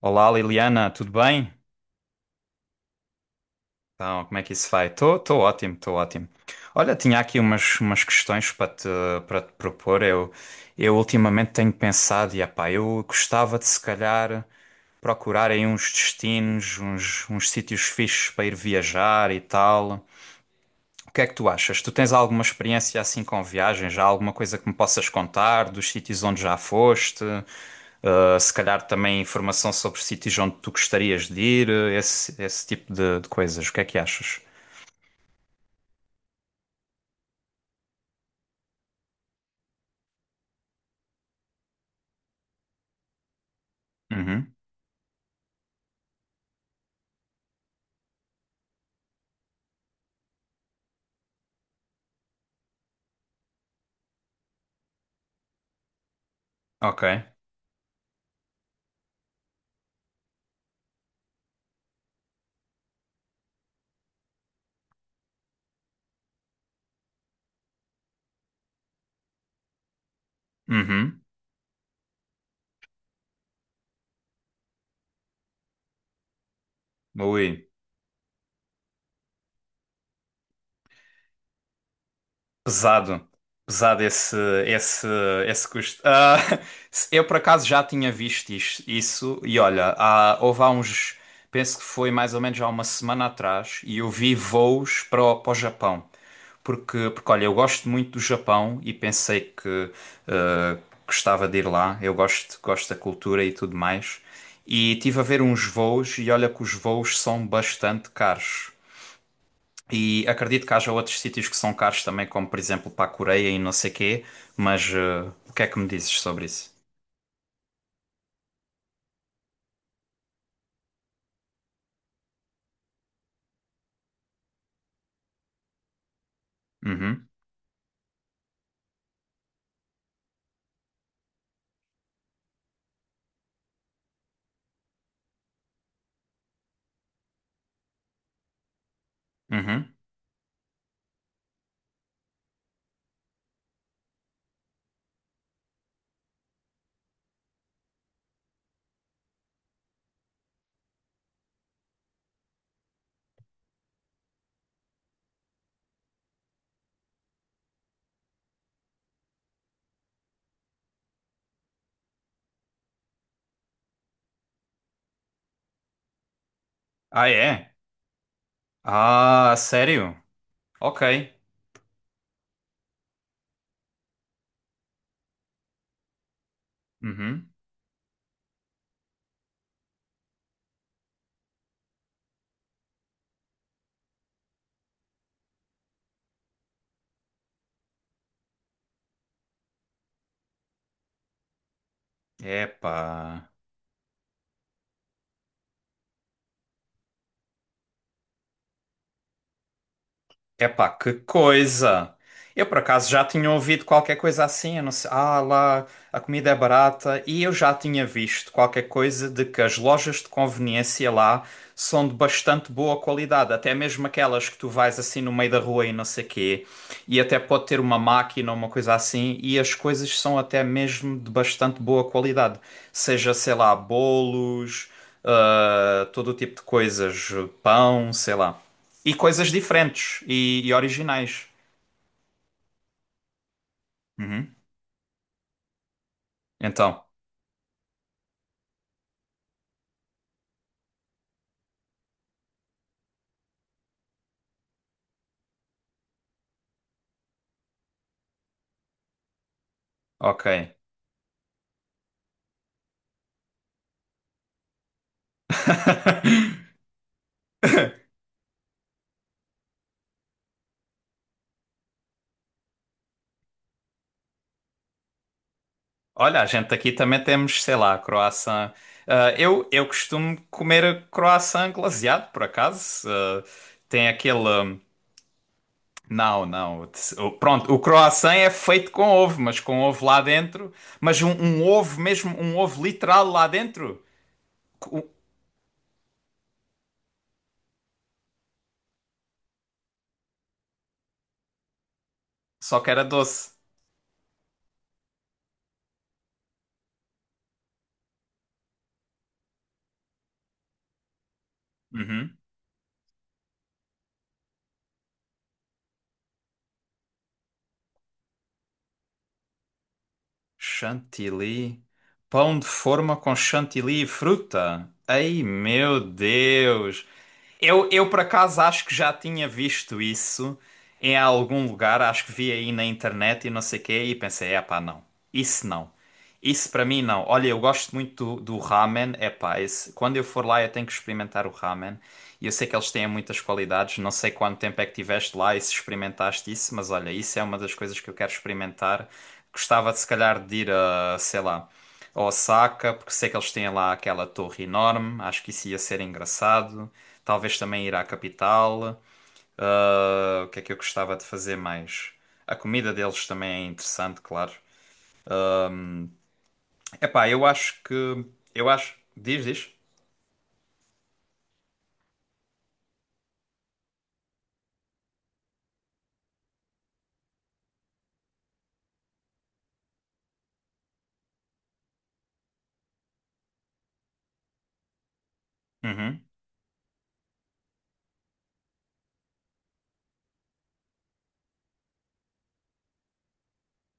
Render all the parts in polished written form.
Olá Liliana, tudo bem? Então, como é que isso vai? Estou ótimo, estou ótimo. Olha, tinha aqui umas questões para te propor. Eu ultimamente tenho pensado, e epá, eu gostava de se calhar procurar aí uns destinos, uns sítios fixes para ir viajar e tal. O que é que tu achas? Tu tens alguma experiência assim com viagens? Já alguma coisa que me possas contar dos sítios onde já foste? Se calhar também informação sobre sítios onde tu gostarias de ir, esse tipo de coisas. O que é que achas? Uhum. Ok. Uhum. Ui. Pesado, pesado esse, esse custo. Ah, eu por acaso já tinha visto isso, e olha, houve há uns, penso que foi mais ou menos há uma semana atrás, e eu vi voos para para o Japão. Porque olha, eu gosto muito do Japão e pensei que ah, gostava de ir lá, eu gosto da cultura e tudo mais. E tive a ver uns voos, e olha que os voos são bastante caros. E acredito que haja outros sítios que são caros também, como por exemplo para a Coreia e não sei quê, mas o que é que me dizes sobre isso? Uhum, uhum. Ah, é? Ah, sério? Ok. Uhum. Epá. Epá, que coisa! Eu por acaso já tinha ouvido qualquer coisa assim, eu não sei, ah lá, a comida é barata, e eu já tinha visto qualquer coisa de que as lojas de conveniência lá são de bastante boa qualidade, até mesmo aquelas que tu vais assim no meio da rua e não sei quê, e até pode ter uma máquina ou uma coisa assim, e as coisas são até mesmo de bastante boa qualidade, seja, sei lá, bolos, ah, todo o tipo de coisas, pão, sei lá. E coisas diferentes e originais. Uhum. Então, ok. Olha, a gente aqui também temos, sei lá, croissant. Ah, eu costumo comer croissant glaseado, por acaso. Ah, tem aquele. Não, não. Pronto, o croissant é feito com ovo, mas com ovo lá dentro. Mas um ovo mesmo, um ovo literal lá dentro. Co- Só que era doce. Uhum. Chantilly. Pão de forma com chantilly e fruta. Ai, meu Deus! Eu por acaso acho que já tinha visto isso em algum lugar, acho que vi aí na internet e não sei o quê, e pensei, epá, não, isso não. Isso para mim não. Olha, eu gosto muito do ramen, epá, esse, quando eu for lá eu tenho que experimentar o ramen. E eu sei que eles têm muitas qualidades, não sei quanto tempo é que tiveste lá e se experimentaste isso, mas olha, isso é uma das coisas que eu quero experimentar. Gostava de se calhar de ir a, sei lá, a Osaka, porque sei que eles têm lá aquela torre enorme, acho que isso ia ser engraçado. Talvez também ir à capital. Ah, o que é que eu gostava de fazer mais? A comida deles também é interessante, claro. Epá, eu acho que. Eu acho. Diz, diz. Uhum.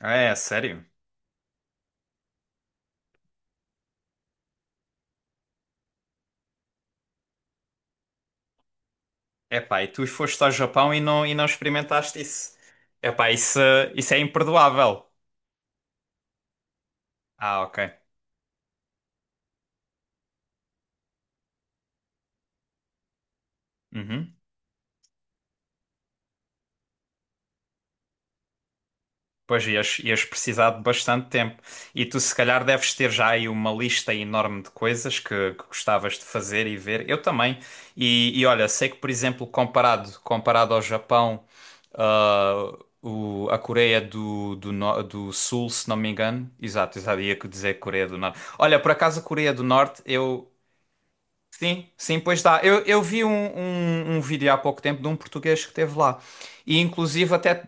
Ah, é, sério? Epá, e tu foste ao Japão e não experimentaste isso? Epá, isso é imperdoável. Ah, ok. Uhum. Pois ias precisar de bastante tempo. E tu, se calhar, deves ter já aí uma lista enorme de coisas que gostavas de fazer e ver. Eu também. E olha, sei que, por exemplo, comparado ao Japão, ah, a Coreia do Sul, se não me engano. Exato, exato, ia dizer Coreia do Norte. Olha, por acaso, a Coreia do Norte, eu. Sim, sim, pois dá. Eu vi um vídeo há pouco tempo de um português que esteve lá. E inclusive até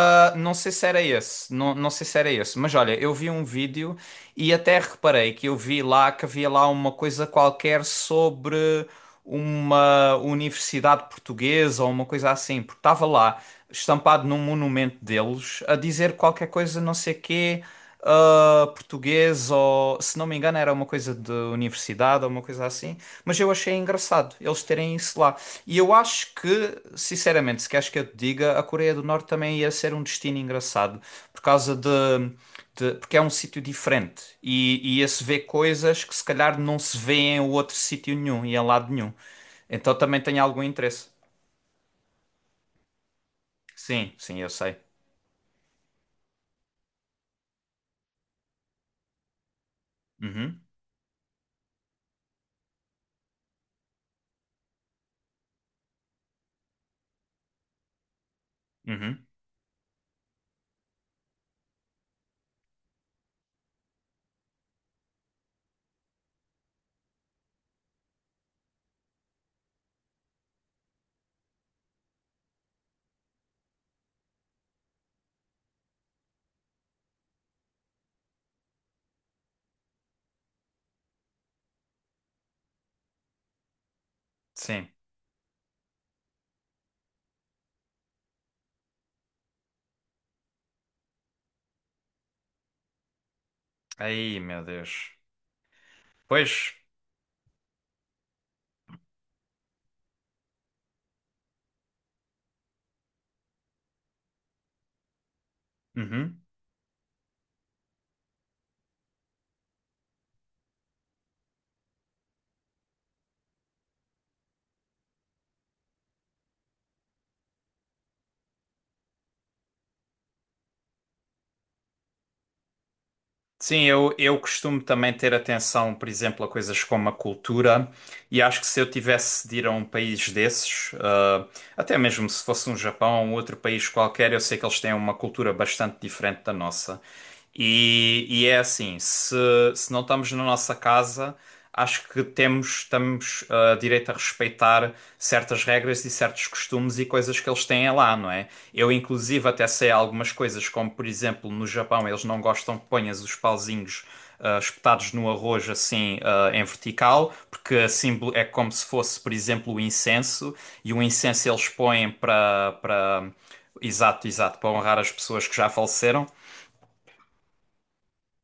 Ah, não sei se era esse, não, não sei se era esse, mas olha, eu vi um vídeo e até reparei que eu vi lá que havia lá uma coisa qualquer sobre uma universidade portuguesa ou uma coisa assim, porque estava lá estampado num monumento deles a dizer qualquer coisa, não sei quê, ah, português ou se não me engano era uma coisa de universidade ou uma coisa assim, mas eu achei engraçado eles terem isso lá. E eu acho que, sinceramente, se queres que eu te diga, a Coreia do Norte também ia ser um destino engraçado, por causa porque é um sítio diferente e ia se ver coisas que se calhar não se vê em outro sítio nenhum e em lado nenhum. Então também tem algum interesse. Sim, sim, eu sei. Uhum, uhum, sim. Aí, meu Deus. Pois. Uhum. Sim, eu costumo também ter atenção, por exemplo, a coisas como a cultura, e acho que se eu tivesse de ir a um país desses, ah, até mesmo se fosse um Japão ou outro país qualquer, eu sei que eles têm uma cultura bastante diferente da nossa. E é assim, se não estamos na nossa casa, acho que temos, estamos, ah, direito a respeitar certas regras e certos costumes e coisas que eles têm lá, não é? Eu, inclusive, até sei algumas coisas, como por exemplo, no Japão eles não gostam que ponhas os pauzinhos ah, espetados no arroz assim ah, em vertical, porque assim é como se fosse, por exemplo, o incenso, e o incenso eles põem para Exato, exato, para honrar as pessoas que já faleceram.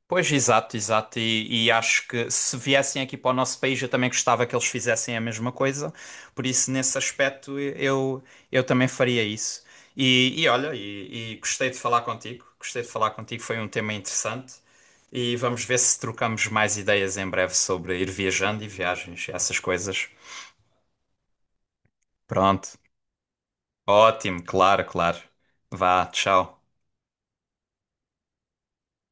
Pois, exato, exato. E acho que se viessem aqui para o nosso país, eu também gostava que eles fizessem a mesma coisa. Por isso, nesse aspecto, eu também faria isso. E olha, e gostei de falar contigo. Gostei de falar contigo, foi um tema interessante. E vamos ver se trocamos mais ideias em breve sobre ir viajando e viagens, e essas coisas. Pronto. Ótimo, claro, claro. Vá, tchau.